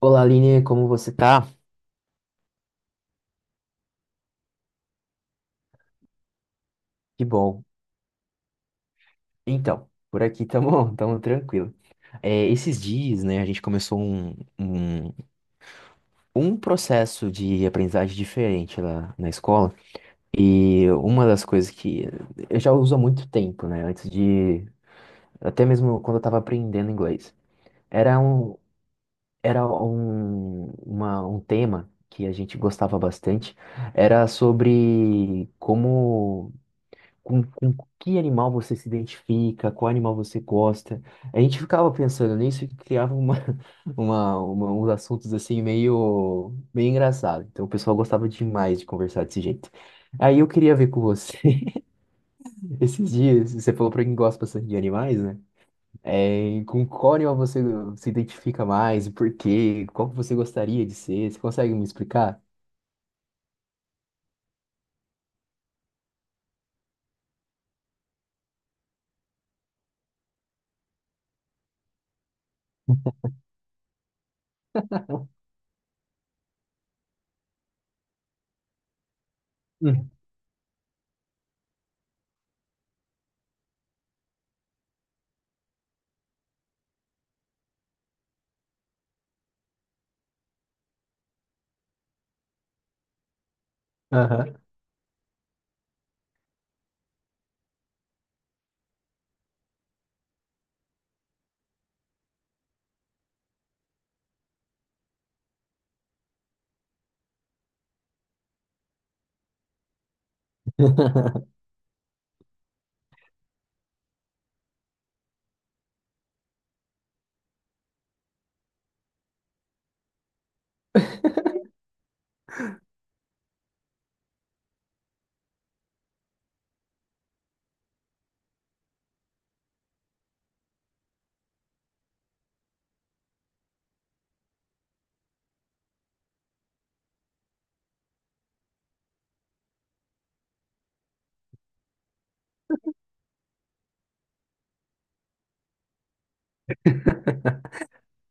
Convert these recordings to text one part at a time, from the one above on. Olá, Aline, como você tá? Que bom. Então, por aqui tamo, tamo tranquilo. É, esses dias, né, a gente começou um, um processo de aprendizagem diferente lá na escola. E uma das coisas que eu já uso há muito tempo, né, antes de, até mesmo quando eu tava aprendendo inglês. Era um, era um tema que a gente gostava bastante. Era sobre com que animal você se identifica, qual animal você gosta. A gente ficava pensando nisso e criava uma, uns assuntos assim meio, meio engraçados. Então o pessoal gostava demais de conversar desse jeito. Aí eu queria ver com você, esses dias, você falou pra quem gosta bastante de animais, né? É, com qual animal você se identifica mais, e por quê? Qual que você gostaria de ser? Você consegue me explicar? Hum. Aham.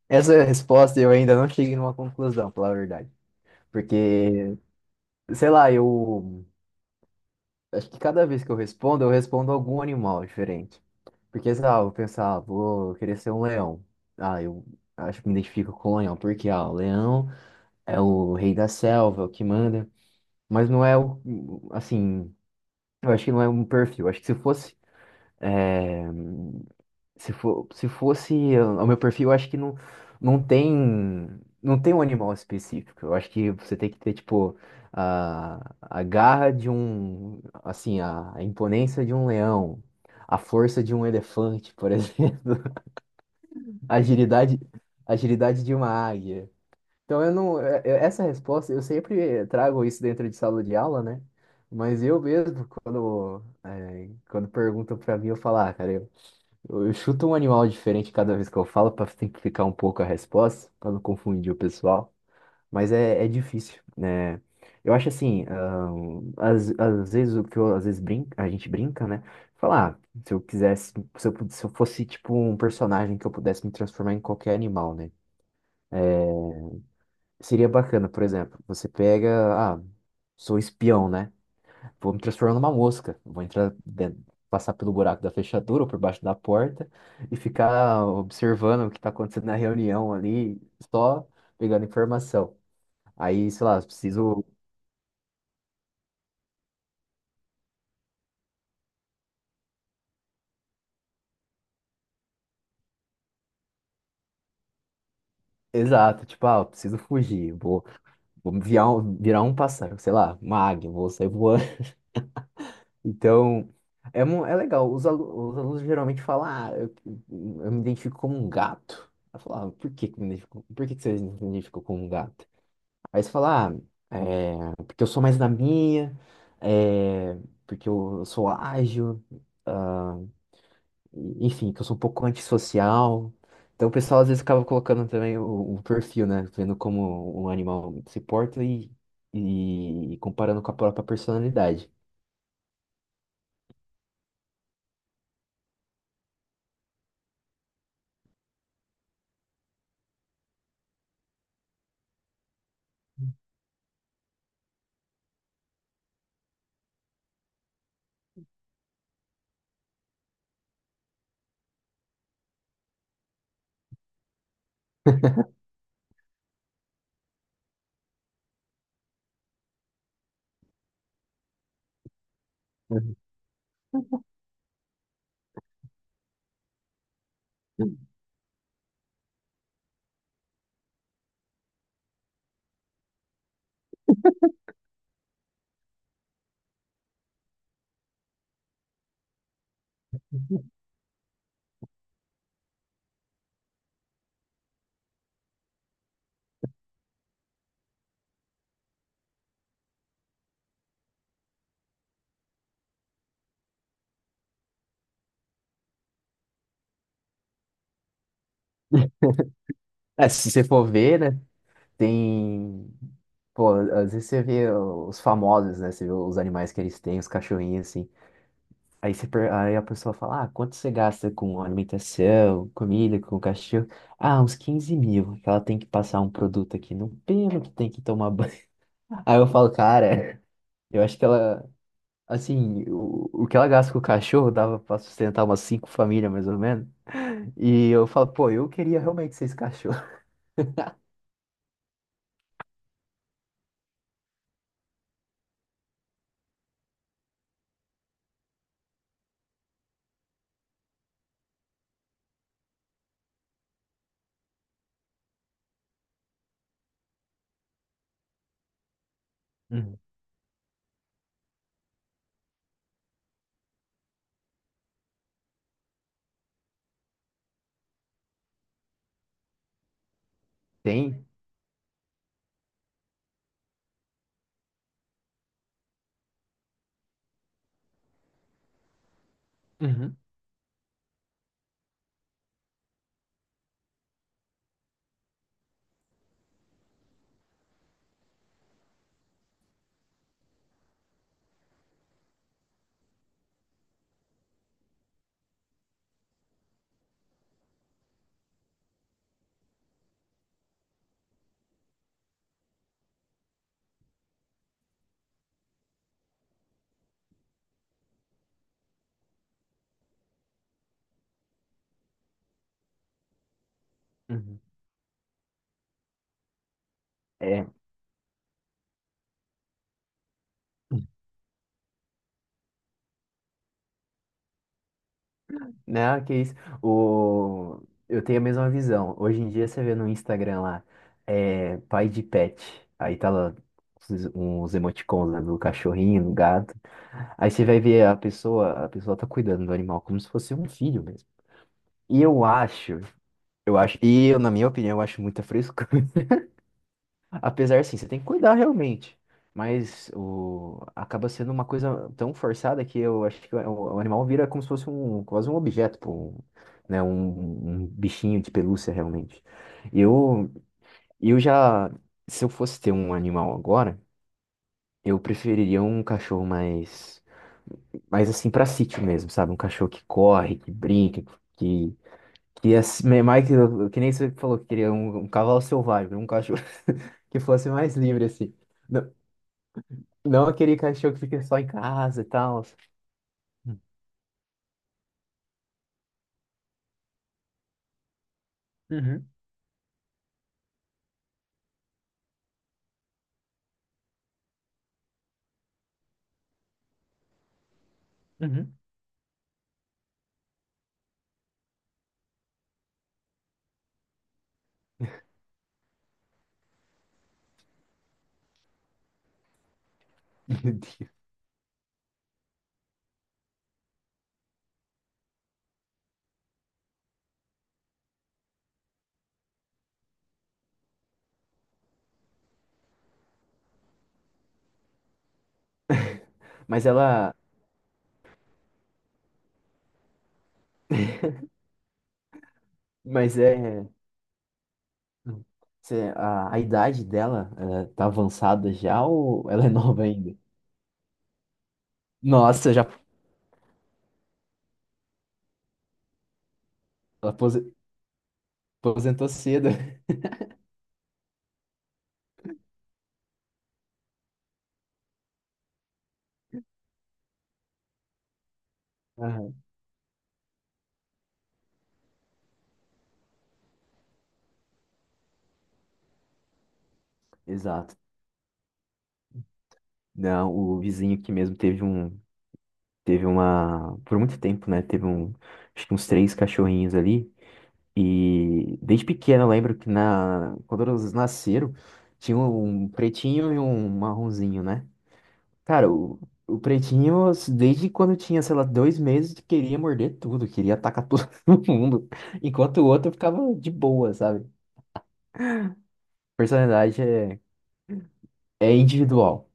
Essa resposta eu ainda não cheguei numa conclusão, pela verdade. Porque, sei lá, eu acho que cada vez que eu respondo algum animal diferente. Porque, sei lá, eu vou pensar, ah, vou querer ser um leão. Ah, eu acho que me identifico com o leão, porque, ah, o leão é o rei da selva, é o que manda. Mas não é o, assim, eu acho que não é um perfil. Acho que se fosse, eh, Se for, se fosse o meu perfil, eu acho que não, não tem, não tem um animal específico. Eu acho que você tem que ter, tipo, a garra de um, assim, a imponência de um leão, a força de um elefante, por exemplo, a agilidade, a agilidade de uma águia. Então, eu não, essa resposta, eu sempre trago isso dentro de sala de aula, né? Mas eu mesmo, quando, é, quando perguntam pra mim, eu falo, ah, cara, eu chuto um animal diferente cada vez que eu falo para simplificar um pouco a resposta, para não confundir o pessoal. Mas é, é difícil, né? Eu acho assim, às vezes o que eu, às vezes brinca, a gente brinca, né? Falar, ah, se eu quisesse, se eu fosse tipo um personagem que eu pudesse me transformar em qualquer animal, né? Seria bacana, por exemplo, você pega, ah, sou espião, né? Vou me transformar numa mosca. Vou entrar dentro, passar pelo buraco da fechadura ou por baixo da porta e ficar observando o que está acontecendo na reunião ali, só pegando informação. Aí, sei lá, preciso. Exato, tipo, ah, eu preciso fugir. Vou, vou virar um pássaro, sei lá, uma águia, vou sair voando. Então, é, mu- é legal. Os, alu- os alunos geralmente falam, ah, eu, me identifico como um gato. Eu falo, ah, por que que me identifico- por que que você se identificou como um gato? Aí você fala, ah, é, porque eu sou mais na minha, é, porque eu sou ágil, ah, e- enfim, que eu sou um pouco antissocial. Então o pessoal às vezes acaba colocando também o perfil, né? Vendo como um animal se porta e comparando com a própria personalidade. Uhum. É, se você for ver, né? Tem. Pô, às vezes você vê os famosos, né? Você vê os animais que eles têm, os cachorrinhos, assim. Aí, você, per- aí a pessoa fala, ah, quanto você gasta com alimentação, comida, com cachorro? Ah, uns 15 mil, que ela tem que passar um produto aqui no pelo, que tem que tomar banho. Aí eu falo, cara, eu acho que ela, assim, o que ela gasta com o cachorro dava pra sustentar umas cinco famílias, mais ou menos. E eu falo, pô, eu queria realmente ser esse cachorro. Uhum. Tem? Uhum, uhum. É. Não, que isso. O... Eu tenho a mesma visão. Hoje em dia você vê no Instagram lá, é pai de pet. Aí tá lá uns emoticons, né, do cachorrinho, do gato. Aí você vai ver a pessoa tá cuidando do animal como se fosse um filho mesmo. E e eu, na minha opinião, eu acho muita frescura. Apesar, sim, você tem que cuidar realmente. Mas o... acaba sendo uma coisa tão forçada que eu acho que o, animal vira como se fosse um, quase um objeto, pô, um, né? Um bichinho de pelúcia, realmente. Eu, eu já, se eu fosse ter um animal agora, eu preferiria um cachorro mais, mais assim, pra sítio mesmo, sabe? Um cachorro que corre, que brinca, que, que, é assim- é mais que nem você falou que queria um cavalo selvagem, um cachorro que fosse mais livre, assim. Não aquele cachorro que fica só em casa e tal. Uhum, uhum. Meu Deus. Mas ela. Mas é. Cê- A, a idade dela, ela tá avançada já ou ela é nova ainda? Nossa, já apose- aposentou cedo. Aham. Exato. Não, o vizinho aqui mesmo teve um. Teve uma. Por muito tempo, né? Teve um. Acho que uns três cachorrinhos ali. E desde pequeno eu lembro que na, quando eles nasceram, tinha um pretinho e um marronzinho, né? Cara, o pretinho, assim, desde quando eu tinha, sei lá, 2 meses, queria morder tudo, queria atacar todo mundo, enquanto o outro ficava de boa, sabe? Personalidade é individual.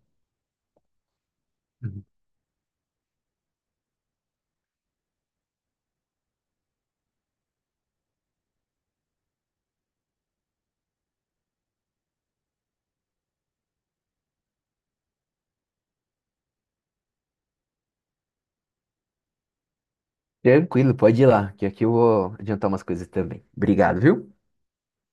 Uhum. Tranquilo, pode ir lá, que aqui eu vou adiantar umas coisas também. Obrigado, viu?